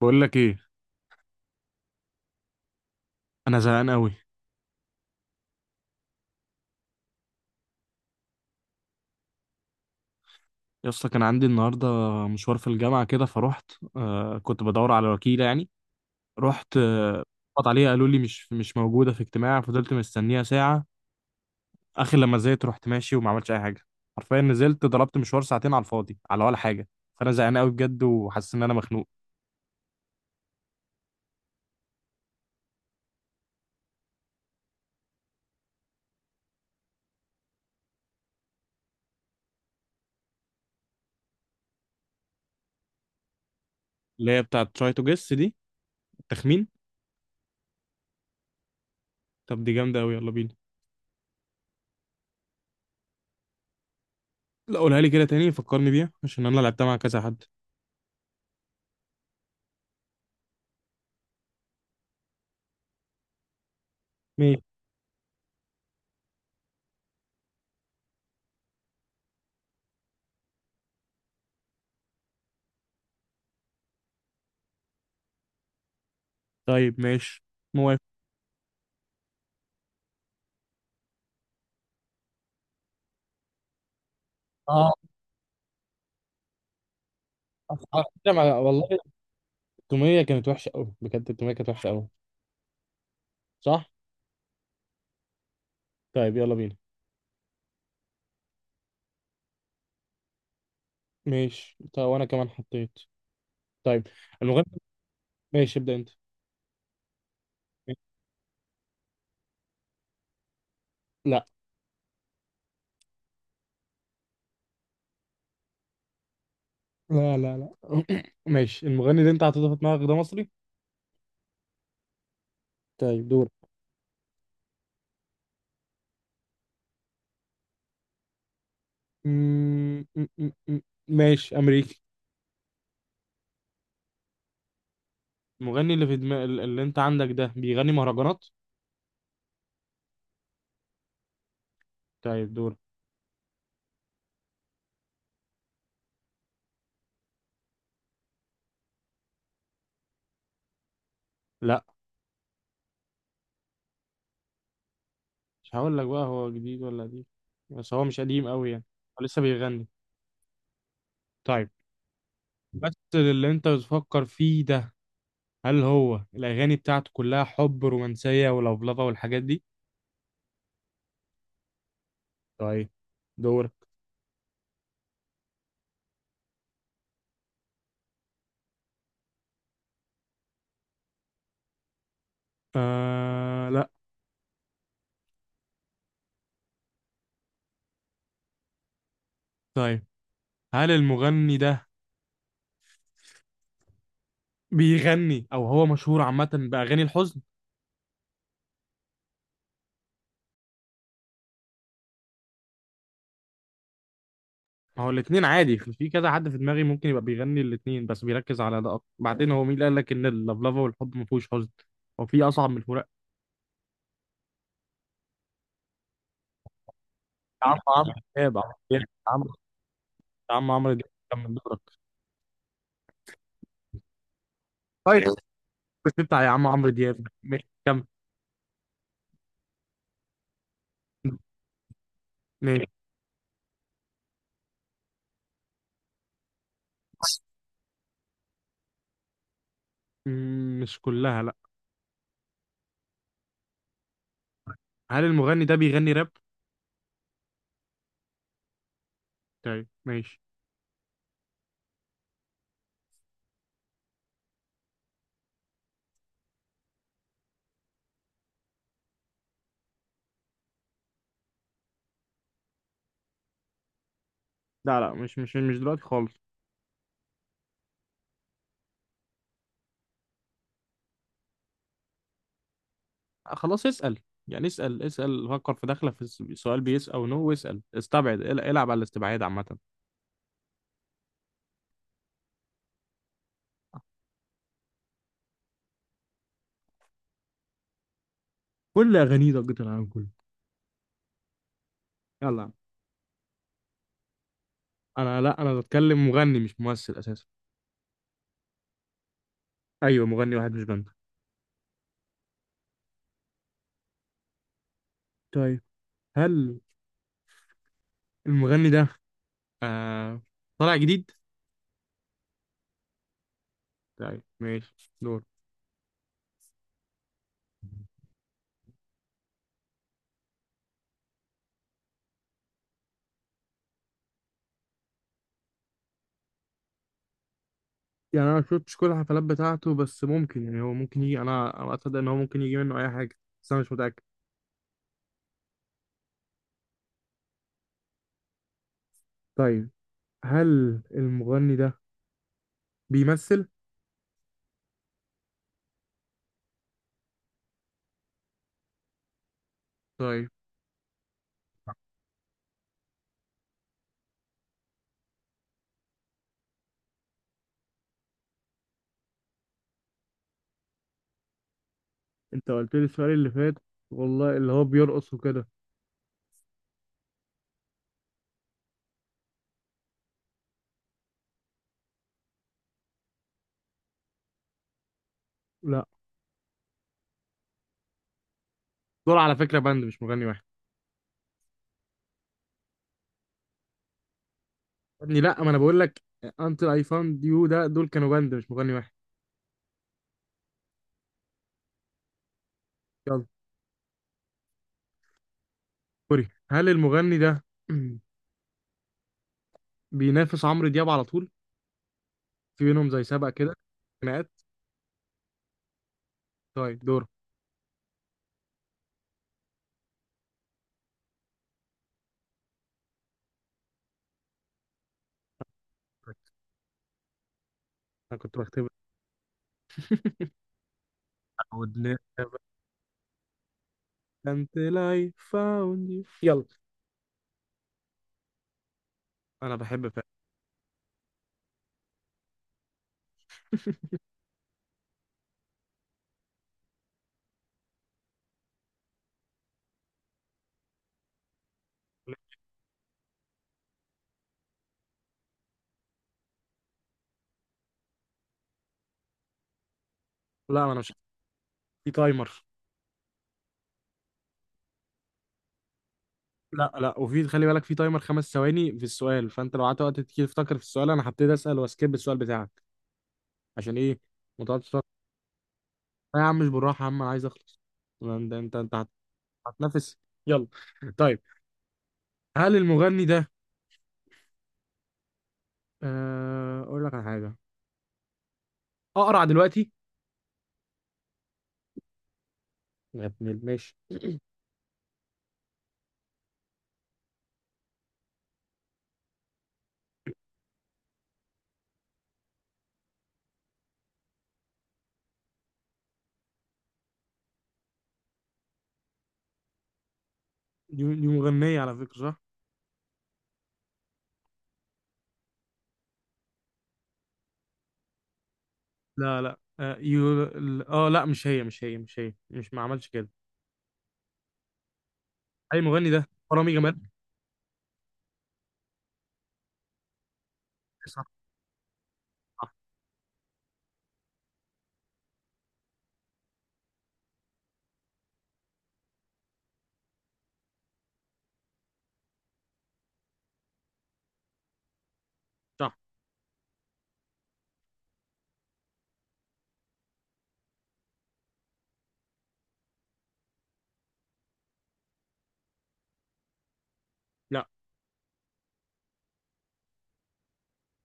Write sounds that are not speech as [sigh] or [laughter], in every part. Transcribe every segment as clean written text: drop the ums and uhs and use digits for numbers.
بقول لك ايه؟ انا زهقان قوي يا اسطى. كان عندي النهارده مشوار في الجامعه كده فروحت. كنت بدور على وكيله يعني. رحت، خبط عليها قالوا لي مش موجوده في اجتماع. فضلت مستنيها ساعه، اخر لما نزلت رحت ماشي وما عملتش اي حاجه. حرفيا نزلت ضربت مشوار ساعتين على الفاضي على ولا حاجه. فانا زهقان قوي بجد وحاسس ان انا مخنوق. اللي هي بتاعه تراي تو جيس دي، التخمين. طب دي جامده قوي، يلا بينا. لا، قولها لي كده تاني فكرني بيها عشان انا لعبتها مع كذا حد. ماشي. طيب ماشي، موافق. اه، على فكرة، والله التومية كانت وحشة أوي بجد. التومية كانت وحشة أوي، صح؟ طيب يلا بينا. ماشي، طيب وأنا كمان حطيت. طيب المغني. ماشي ابدأ أنت. لا لا لا لا. [clears throat] ماشي، المغني اللي أنت حطيته في دماغك ده مصري؟ طيب دور. م- م- م- م- ماشي أمريكي. المغني اللي في دماغ اللي أنت عندك ده بيغني مهرجانات؟ طيب دور. لا، مش هقول لك بقى هو جديد ولا قديم، بس هو مش قديم أوي يعني. هو لسه بيغني. طيب، بس اللي أنت بتفكر فيه ده، هل هو الأغاني بتاعته كلها حب رومانسية ولفلفة والحاجات دي؟ طيب دورك. آه لا. طيب هل المغني ده بيغني أو هو مشهور عامة بأغاني الحزن؟ ما هو الاتنين عادي، في كذا حد في دماغي ممكن يبقى بيغني الاتنين بس بيركز على ده أكتر. بعدين هو مين اللي قال لك إن اللفلفة والحب ما فيهوش حزن؟ هو في أصعب من الفراق؟ يا عم عمرو دياب يا عم. يا عم عمرو دياب كمل دورك. طيب، بس بتاع يا عم عمرو دياب، ماشي كمل. ماشي. مش كلها لا. هل المغني ده بيغني راب؟ طيب ماشي. لا لا، مش دلوقتي خالص. خلاص اسأل. يعني اسأل اسأل، فكر في داخلة في سؤال بيس أو نو واسأل، استبعد العب على الاستبعاد عامة. كل أغانيه ضجة العالم كله، يلا. أنا لا، أنا بتكلم مغني مش ممثل أساسا. أيوه مغني واحد مش بند. طيب هل المغني ده آه طالع جديد؟ طيب ماشي دور. يعني أنا مشفتش كل الحفلات بتاعته بس ممكن، يعني هو ممكن يجي، أنا أصدق إن هو ممكن يجي منه أي حاجة، بس أنا مش متأكد. طيب هل المغني ده بيمثل؟ طيب، انت قلت لي السؤال اللي فات والله، اللي هو بيرقص وكده. لا دول على فكرة باند مش مغني واحد. يا ابني لا، ما انا بقول لك Until I Found You ده دول كانوا باند مش مغني واحد. يلا. سوري، هل المغني ده [clears throat] بينافس عمرو دياب على طول؟ في بينهم زي سبق كده، خناقات؟ طيب دور. انا كنت بختبر. [laughs] I would never. until I found you، يلا. انا بحب فعلا. لا انا مش في تايمر. لا لا، وفي خلي بالك في تايمر 5 ثواني في السؤال. فانت لو قعدت وقت كتير تفكر في السؤال انا هبتدي اسال واسكيب السؤال بتاعك. عشان ايه؟ ما تقعدش تفكر. لا يا عم مش بالراحه يا عم، انا عايز اخلص. ما انت هتنافس، يلا. طيب هل المغني ده، اقول لك على حاجه، اقرع دلوقتي؟ يا ابن ماشي. دي مغنيه على فكره صح؟ لا لا اه، يو... ال- آه، لا مش هي مش ما عملش كده. هل المغني ده رامي جمال؟ صح صح صح. لا،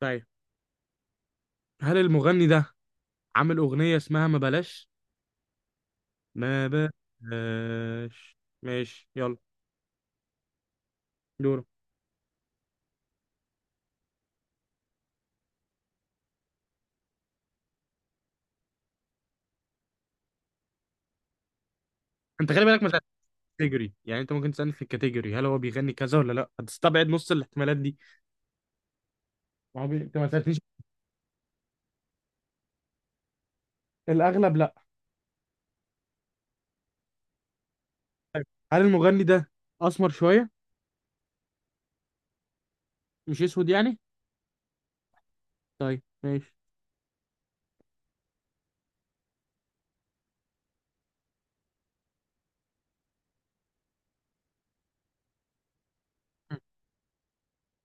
طيب هل المغني ده عامل اغنيه اسمها ما بلاش؟ ما بلاش. ماشي يلا دوره. انت خلي بالك مثلا كاتيجوري، يعني انت ممكن تسالني في الكاتيجوري هل هو بيغني كذا ولا لا، هتستبعد نص الاحتمالات دي. ما هو انت ما سالتنيش. الاغلب لا. طيب، هل المغني ده اسمر شويه؟ مش اسود يعني. طيب ماشي.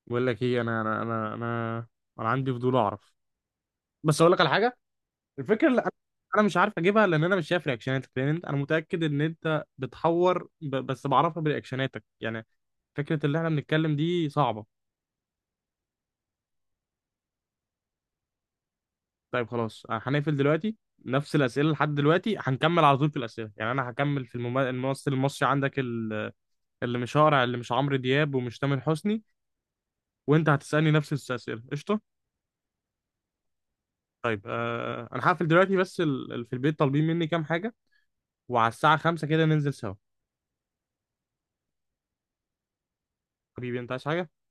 بقول لك ايه، انا انا عندي فضول اعرف. بس اقول لك على حاجه، الفكره اللي انا، أنا مش عارف اجيبها لان انا مش شايف رياكشناتك لان انت، انا متاكد ان انت بتحور بس بعرفها برياكشناتك يعني. فكرة اللي احنا بنتكلم دي صعبة. طيب خلاص، هنقفل دلوقتي. نفس الأسئلة لحد دلوقتي هنكمل على طول في الأسئلة، يعني أنا هكمل في الممثل، الممثل المصري عندك اللي مش هقرع اللي مش عمرو دياب ومش تامر حسني. وأنت هتسألني نفس الأسئلة، قشطة. طيب أنا هقفل دلوقتي بس في البيت طالبين مني كام حاجة، وعلى الساعة 5 كده ننزل سوا. حبيبي أنت عايز حاجة؟